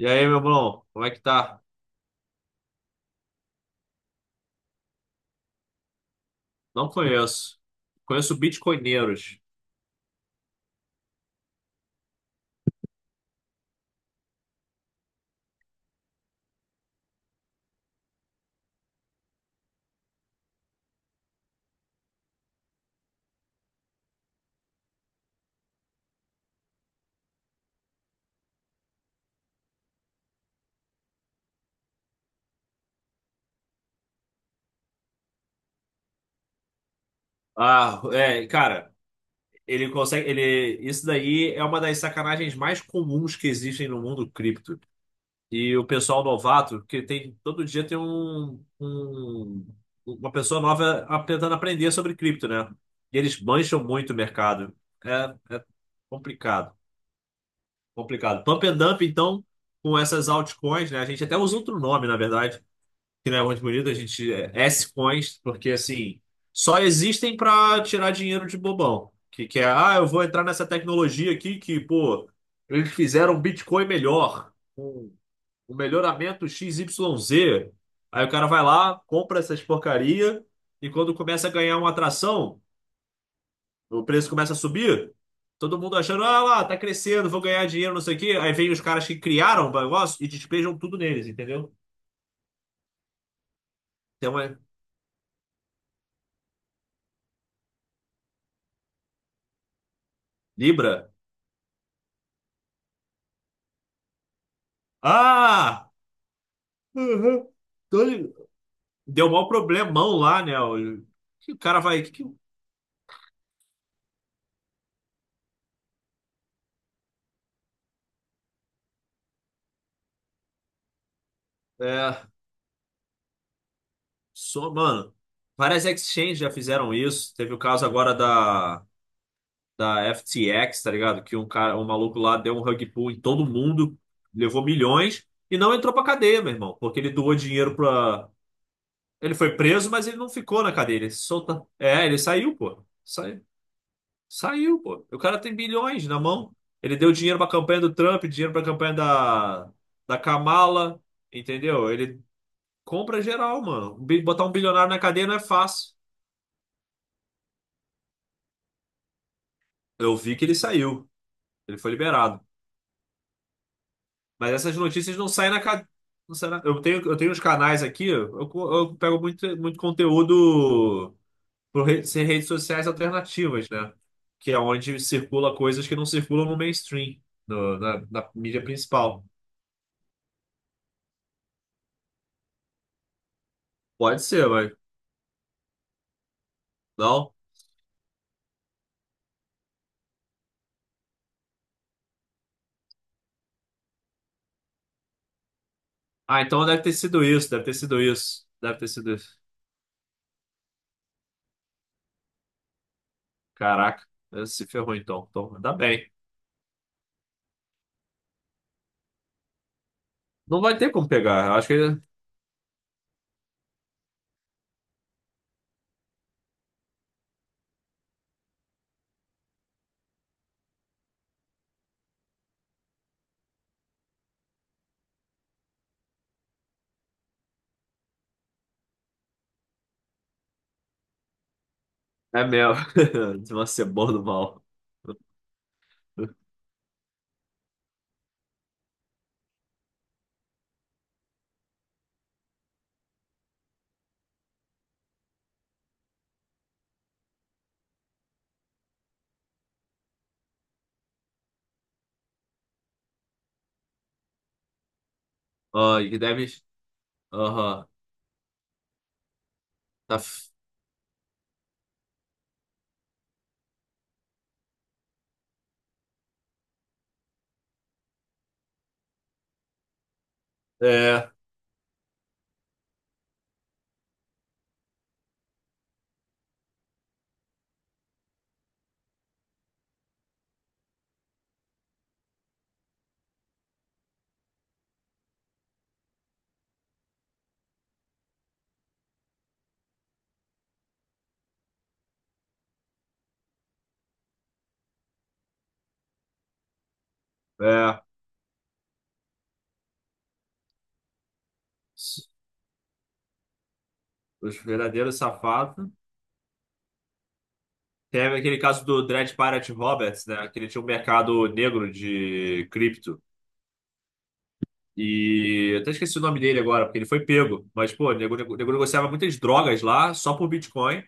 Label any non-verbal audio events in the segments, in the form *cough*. E aí, meu irmão, como é que tá? Não conheço. Conheço bitcoineiros. Ah, é, cara, ele consegue, ele, isso daí é uma das sacanagens mais comuns que existem no mundo cripto. E o pessoal novato, que tem, todo dia tem uma pessoa nova tentando aprender sobre cripto, né? E eles mancham muito o mercado. É, é complicado, complicado. Pump and dump, então, com essas altcoins, né? A gente até usa outro nome, na verdade, que não é muito bonito. A gente é S-Coins, porque assim, só existem para tirar dinheiro de bobão. Que é, ah, eu vou entrar nessa tecnologia aqui que, pô, eles fizeram um Bitcoin melhor, um, um melhoramento x y z. Aí o cara vai lá, compra essas porcaria, e quando começa a ganhar uma atração, o preço começa a subir. Todo mundo achando, ah lá, tá crescendo, vou ganhar dinheiro, não sei o quê. Aí vem os caras que criaram o negócio e despejam tudo neles, entendeu? Então é Libra. Ah! Uhum. Tô ligado. Deu maior problemão lá, né? O que o cara vai. Que- É, só, mano. Várias exchanges já fizeram isso. Teve o caso agora da FTX, tá ligado? Que um cara, um maluco lá deu um rug pull em todo mundo, levou milhões e não entrou pra cadeia, meu irmão. Porque ele doou dinheiro pra. Ele foi preso, mas ele não ficou na cadeia. É, ele saiu, pô. Saiu, pô. O cara tem bilhões na mão. Ele deu dinheiro pra campanha do Trump, dinheiro pra campanha da, da Kamala, entendeu? Ele compra geral, mano. Botar um bilionário na cadeia não é fácil. Eu vi que ele saiu. Ele foi liberado. Mas essas notícias não saem na cadeia. Eu tenho uns canais aqui, eu pego muito, muito conteúdo por ser redes sociais alternativas, né? Que é onde circula coisas que não circulam no mainstream, na mídia principal. Pode ser, mas. Não? Ah, então deve ter sido isso, deve ter sido isso, deve ter sido isso. Caraca, ele se ferrou então. Então, ainda bem. Não vai ter como pegar, eu acho que ele é mesmo. *laughs* De uma cebola do mal. Ah, e deve. Aham. Tá... f- É, é. Os verdadeiros safados. Teve aquele caso do Dread Pirate Roberts, né? Que ele tinha um mercado negro de cripto. E eu até esqueci o nome dele agora, porque ele foi pego. Mas, pô, o nego negociava muitas drogas lá, só por Bitcoin.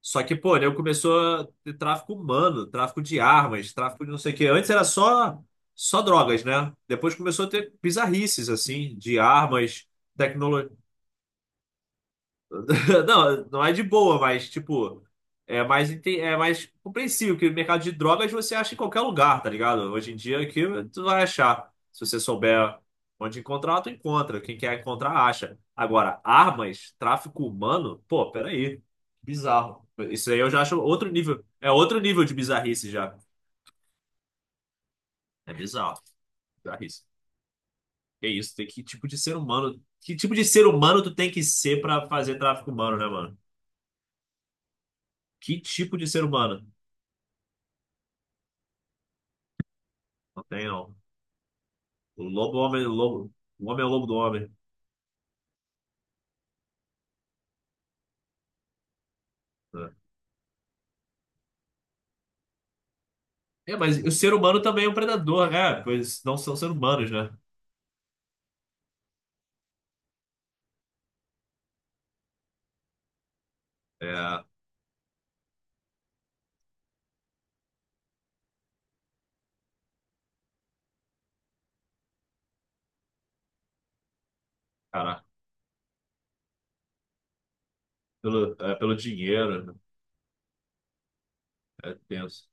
Só que, pô, nego começou a ter tráfico humano, tráfico de armas, tráfico de não sei o quê. Antes era só drogas, né? Depois começou a ter bizarrices, assim, de armas. *laughs* Não, não é de boa, mas, tipo, é mais, é mais compreensível que o mercado de drogas você acha em qualquer lugar, tá ligado? Hoje em dia aqui tu vai achar. Se você souber onde encontrar, tu encontra. Quem quer encontrar, acha. Agora, armas, tráfico humano, pô, peraí. Bizarro. Isso aí eu já acho outro nível. É outro nível de bizarrice já. É bizarro. Bizarrice. Que isso, tem que tipo de ser humano. Que tipo de ser humano tu tem que ser pra fazer tráfico humano, né, mano? Que tipo de ser humano? Não tem, não. O lobo, homem, lobo, o homem é o lobo do homem, né? É, mas o ser humano também é um predador, né? Pois não são seres humanos, né? É, caraca, pelo, é, pelo dinheiro, né? É tenso.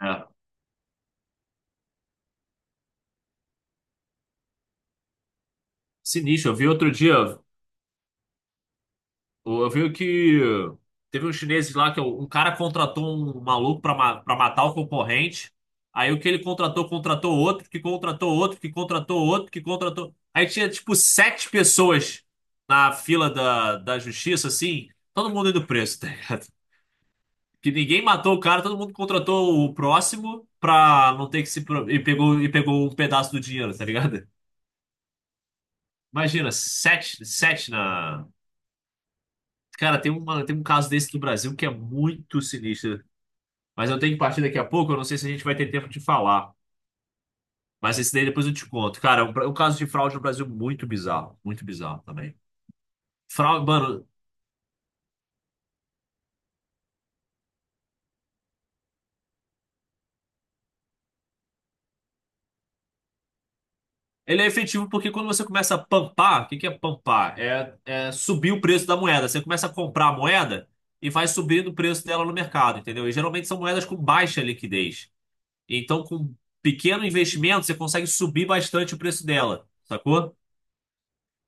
É, sinistro. Eu vi outro dia, Eu vi que teve uns chineses lá que é um cara, contratou um maluco pra matar o concorrente. Aí o que ele contratou, contratou outro, que contratou outro, que contratou outro, que contratou. Aí tinha tipo sete pessoas na fila da justiça, assim, todo mundo indo preso, tá ligado? Que ninguém matou o cara, todo mundo contratou o próximo pra não ter que se. E pegou um pedaço do dinheiro, tá ligado? *laughs* Imagina, sete, sete na. Cara, tem, uma, tem um caso desse do Brasil que é muito sinistro. Mas eu tenho que partir daqui a pouco, eu não sei se a gente vai ter tempo de falar. Mas esse daí depois eu te conto. Cara, é um caso de fraude no Brasil muito bizarro. Muito bizarro também. Fraude, mano, ele é efetivo porque quando você começa a pampar, o que que é pampar? É, é subir o preço da moeda. Você começa a comprar a moeda e vai subindo o preço dela no mercado, entendeu? E geralmente são moedas com baixa liquidez. Então, com pequeno investimento, você consegue subir bastante o preço dela, sacou?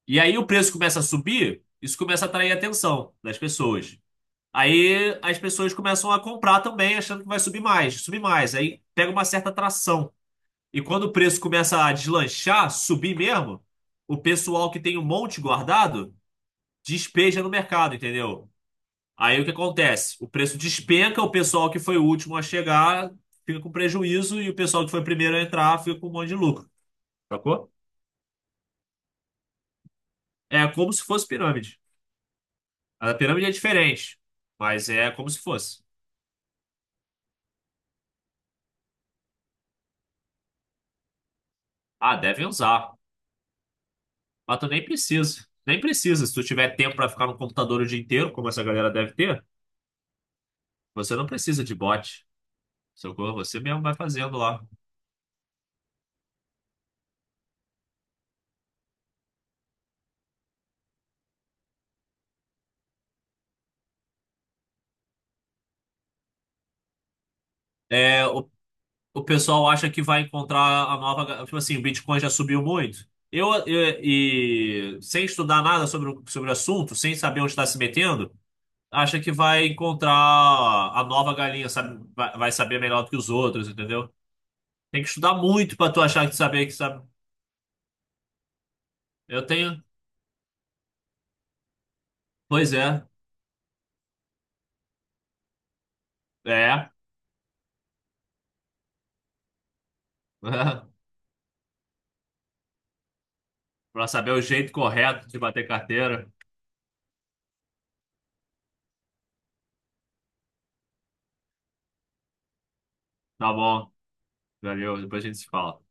E aí o preço começa a subir, isso começa a atrair a atenção das pessoas. Aí as pessoas começam a comprar também, achando que vai subir mais, subir mais. Aí pega uma certa atração. E quando o preço começa a deslanchar, subir mesmo, o pessoal que tem um monte guardado despeja no mercado, entendeu? Aí o que acontece? O preço despenca, o pessoal que foi o último a chegar fica com prejuízo e o pessoal que foi o primeiro a entrar fica com um monte de lucro, sacou? É como se fosse pirâmide. A pirâmide é diferente, mas é como se fosse. Ah, devem usar, mas tu nem precisa. Nem precisa. Se tu tiver tempo pra ficar no computador o dia inteiro, como essa galera deve ter, você não precisa de bot. Socorro, você mesmo vai fazendo lá. É, o pessoal acha que vai encontrar Tipo assim, o Bitcoin já subiu muito. E sem estudar nada sobre, sobre o assunto, sem saber onde está se metendo, acha que vai encontrar a nova galinha, sabe? Vai, vai saber melhor do que os outros, entendeu? Tem que estudar muito para tu achar que saber que sabe. Eu tenho. Pois é. É. *laughs* Para saber o jeito correto de bater carteira. Tá bom. Valeu. Depois a gente se fala.